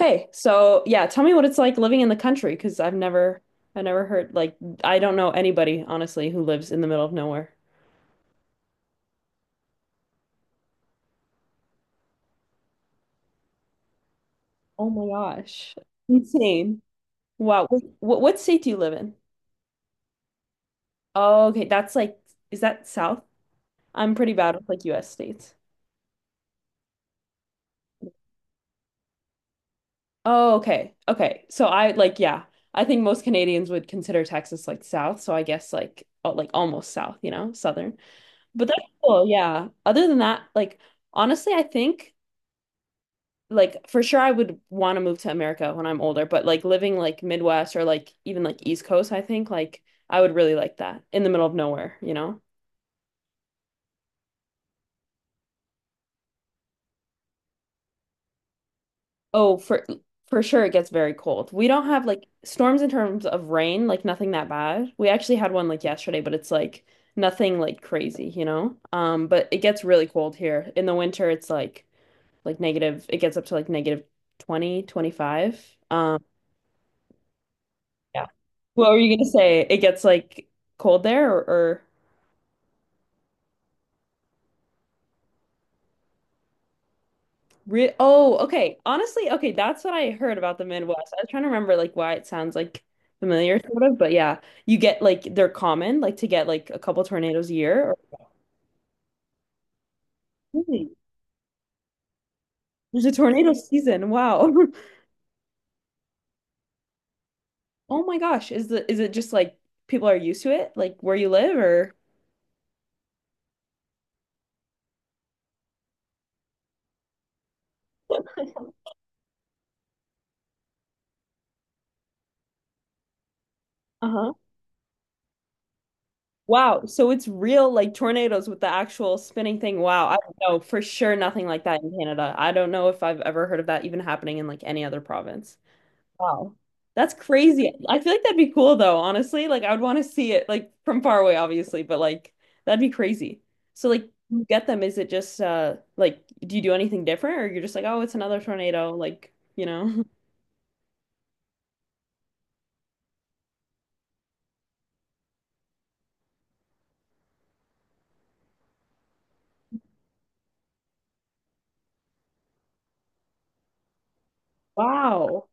Okay, so yeah, tell me what it's like living in the country because I never heard, like, I don't know anybody, honestly, who lives in the middle of nowhere. Oh my gosh. Insane. Wow. What state do you live in? Oh, okay, that's like, is that south? I'm pretty bad with like US states. Oh, okay. Okay. So I, like, yeah, I think most Canadians would consider Texas like south, so I guess, like, oh, like almost south, southern. But that's cool, yeah. Other than that, like, honestly, I think like for sure I would want to move to America when I'm older, but like living like Midwest or like even like East Coast, I think like I would really like that in the middle of nowhere, you know? Oh, for sure it gets very cold. We don't have like storms in terms of rain, like nothing that bad. We actually had one like yesterday, but it's like nothing like crazy, you know? But it gets really cold here. In the winter it's like negative, it gets up to like negative 20, 25. Um, yeah. What were you gonna say? It gets like cold there, or? Re Oh, okay. Honestly, okay, that's what I heard about the Midwest. I was trying to remember, like, why it sounds like familiar sort of, but yeah, you get like, they're common, like to get like a couple tornadoes a year or? Really? There's a tornado season. Wow. Oh my gosh, is it just like people are used to it like where you live or... Uh-huh. Wow, so it's real, like tornadoes with the actual spinning thing. Wow, I don't know, for sure nothing like that in Canada. I don't know if I've ever heard of that even happening in like any other province. Wow. That's crazy. I feel like that'd be cool though, honestly. Like, I would want to see it like from far away, obviously, but like that'd be crazy. So like, you get them, is it just like, do you do anything different or you're just like, oh, it's another tornado, like, you know? Wow.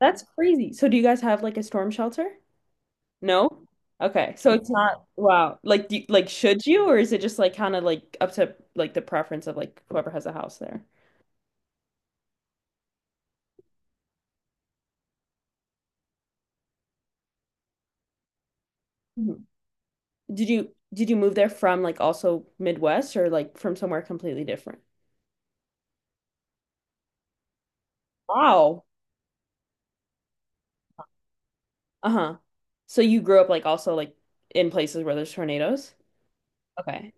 That's crazy. So do you guys have like a storm shelter? No? Okay. So it's not, wow. Like, do you, like, should you, or is it just like kind of like up to like the preference of like whoever has a house there? Did you move there from like also Midwest or like from somewhere completely different? Wow. Uh-huh. So you grew up like also like in places where there's tornadoes? Okay.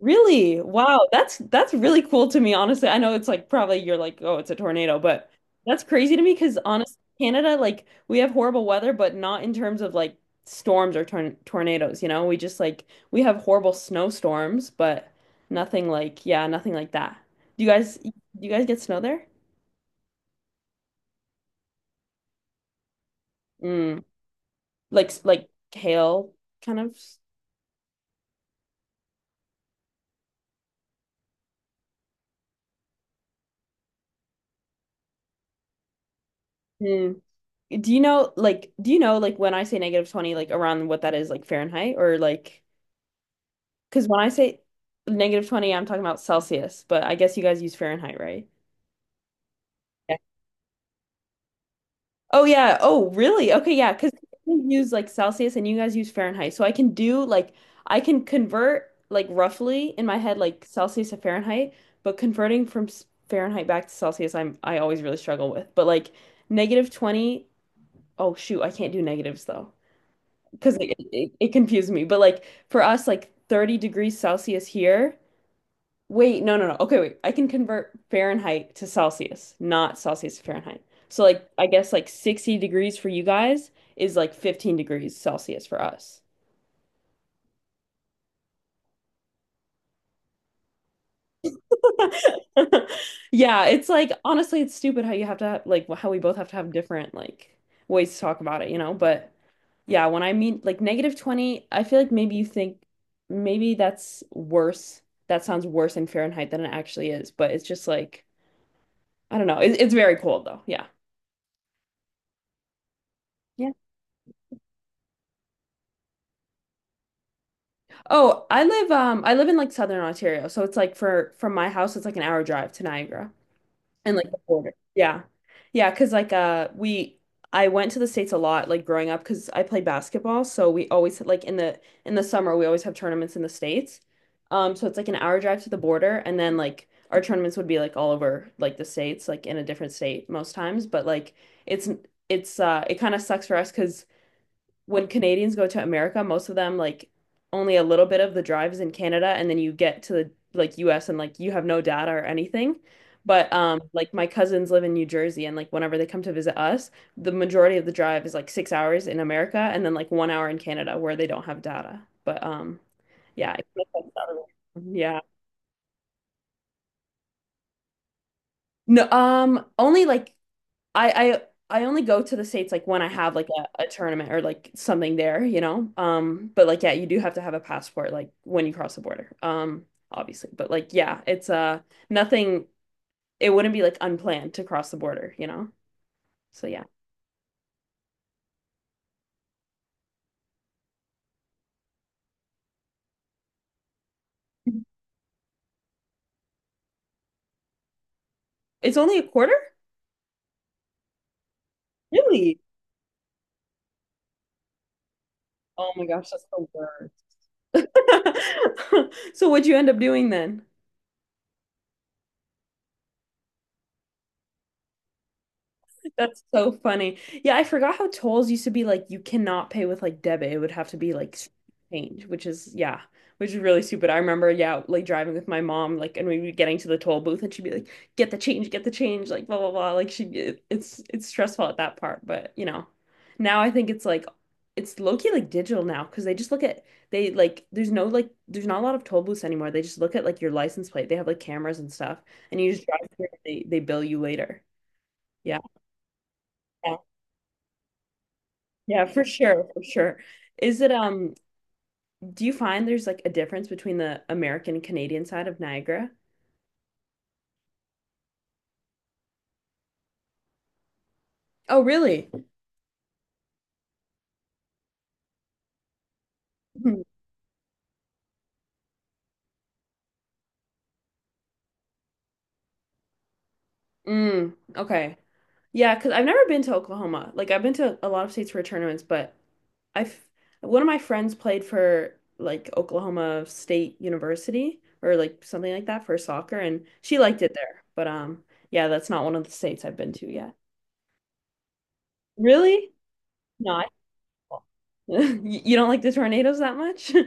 Really? Wow, that's really cool to me, honestly. I know it's like probably you're like, oh, it's a tornado, but that's crazy to me because honestly, Canada, like, we have horrible weather, but not in terms of like storms or tornadoes, you know? We just, like, we have horrible snowstorms, but nothing, like, yeah, nothing like that. Do you guys get snow there? Mm. Like hail, kind of. Mm. Do you know like when I say negative 20, like, around what that is like Fahrenheit or like... Because when I say negative 20, I'm talking about Celsius, but I guess you guys use Fahrenheit, right? Yeah. Oh, yeah. Oh, really? Okay, yeah. Because we use like Celsius and you guys use Fahrenheit. So I can do, like, I can convert like roughly in my head, like Celsius to Fahrenheit, but converting from Fahrenheit back to Celsius, I always really struggle with. But like negative 20, oh, shoot, I can't do negatives though. Because it confuses me. But like for us, like 30 degrees Celsius here. Wait, no, no, no. Okay, wait. I can convert Fahrenheit to Celsius, not Celsius to Fahrenheit. So, like, I guess like 60 degrees for you guys is like 15 degrees Celsius for us. Yeah, it's like, honestly, it's stupid how you have to have, like, how we both have to have different like ways to talk about it, you know? But yeah, when I mean like negative 20, I feel like maybe you think maybe that's worse. That sounds worse in Fahrenheit than it actually is, but it's just like, I don't know. It's very cold though. Yeah. Oh, I live in like Southern Ontario, so it's like for from my house it's like an hour drive to Niagara and like the border. Yeah. Yeah, 'cause like we I went to the States a lot like growing up 'cause I played basketball, so we always, like, in the summer we always have tournaments in the States. So it's like an hour drive to the border and then like our tournaments would be like all over like the States, like in a different state most times, but like it's it kind of sucks for us 'cause when Canadians go to America, most of them, like, only a little bit of the drive is in Canada, and then you get to the like US and like you have no data or anything. But like my cousins live in New Jersey, and like whenever they come to visit us, the majority of the drive is like 6 hours in America and then like 1 hour in Canada where they don't have data. But yeah, I feel like that's the other... Yeah. No, only like, I I only go to the States like when I have like a tournament or like something there. But like, yeah, you do have to have a passport like when you cross the border. Obviously. But like yeah, it's nothing, it wouldn't be like unplanned to cross the border, you know? So yeah. It's only a quarter? Really? Oh my gosh, that's the worst. So what'd you end up doing then? That's so funny. Yeah, I forgot how tolls used to be, like, you cannot pay with like debit. It would have to be like change, which is yeah, which is really stupid. I remember, yeah, like driving with my mom, like, and we'd be getting to the toll booth and she'd be like, get the change, like, blah blah blah. Like, she it, it's stressful at that part, but. Now I think it's low-key like digital now because they just look at, they, like, there's no, like, there's not a lot of toll booths anymore. They just look at like your license plate. They have like cameras and stuff, and you just drive through and they bill you later. Yeah. Yeah, for sure, for sure. Is it Do you find there's like a difference between the American and Canadian side of Niagara? Oh, really? Mhm. Mm, okay. Yeah, because I've never been to Oklahoma. Like, I've been to a lot of states for tournaments, but I've one of my friends played for like Oklahoma State University or like something like that for soccer and she liked it there. But yeah, that's not one of the states I've been to yet. Really? No, I... You don't like the tornadoes that much?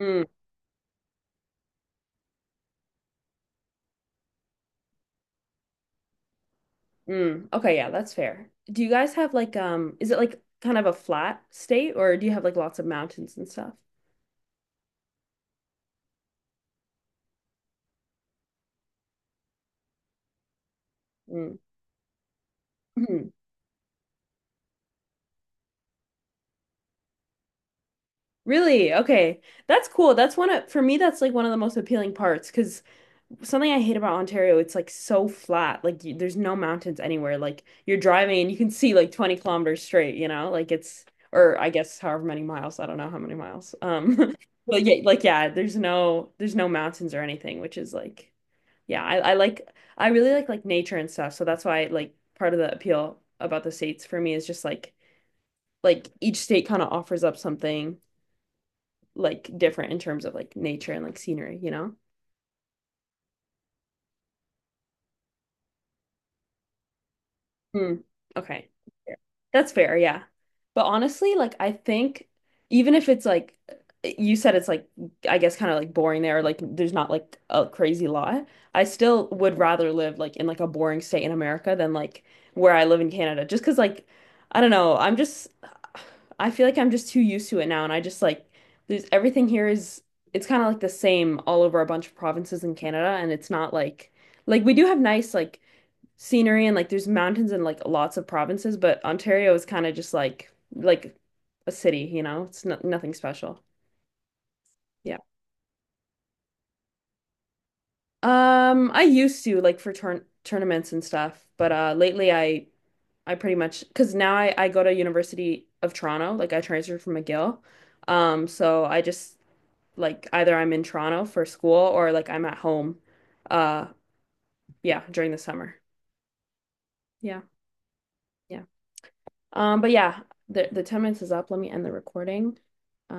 Mm. Mm, okay, yeah, that's fair. Do you guys have like, is it like kind of a flat state or do you have like lots of mountains and stuff? Mm. Mhm. Really? Okay. That's cool. That's one of for me that's like one of the most appealing parts. Because something I hate about Ontario, it's like so flat. Like, you, there's no mountains anywhere. Like, you're driving and you can see like 20 kilometers straight, you know? Like it's or I guess however many miles, I don't know how many miles. But yeah, like, yeah, there's no mountains or anything, which is like... Yeah, I really like nature and stuff. So that's why, like, part of the appeal about the states for me is just like each state kind of offers up something like different in terms of like nature and like scenery, you know? Hmm. Okay. Yeah, that's fair, yeah. But honestly, like, I think even if it's like, you said it's like, I guess kind of like boring there, like there's not like a crazy lot, I still would rather live like in like a boring state in America than like where I live in Canada. Just 'cause like, I don't know, I feel like I'm just too used to it now and I just, like, there's everything here is, it's kind of like the same all over a bunch of provinces in Canada, and it's not like, like we do have nice, like, scenery, and like there's mountains and like lots of provinces, but Ontario is kind of just like a city, you know? It's no nothing special. Yeah. I used to, like, for turn tournaments and stuff, but lately I pretty much because now I go to University of Toronto, like I transferred from McGill. So I just like either I'm in Toronto for school or like I'm at home, uh yeah, during the summer. Yeah. Yeah. But yeah, the 10 minutes is up. Let me end the recording.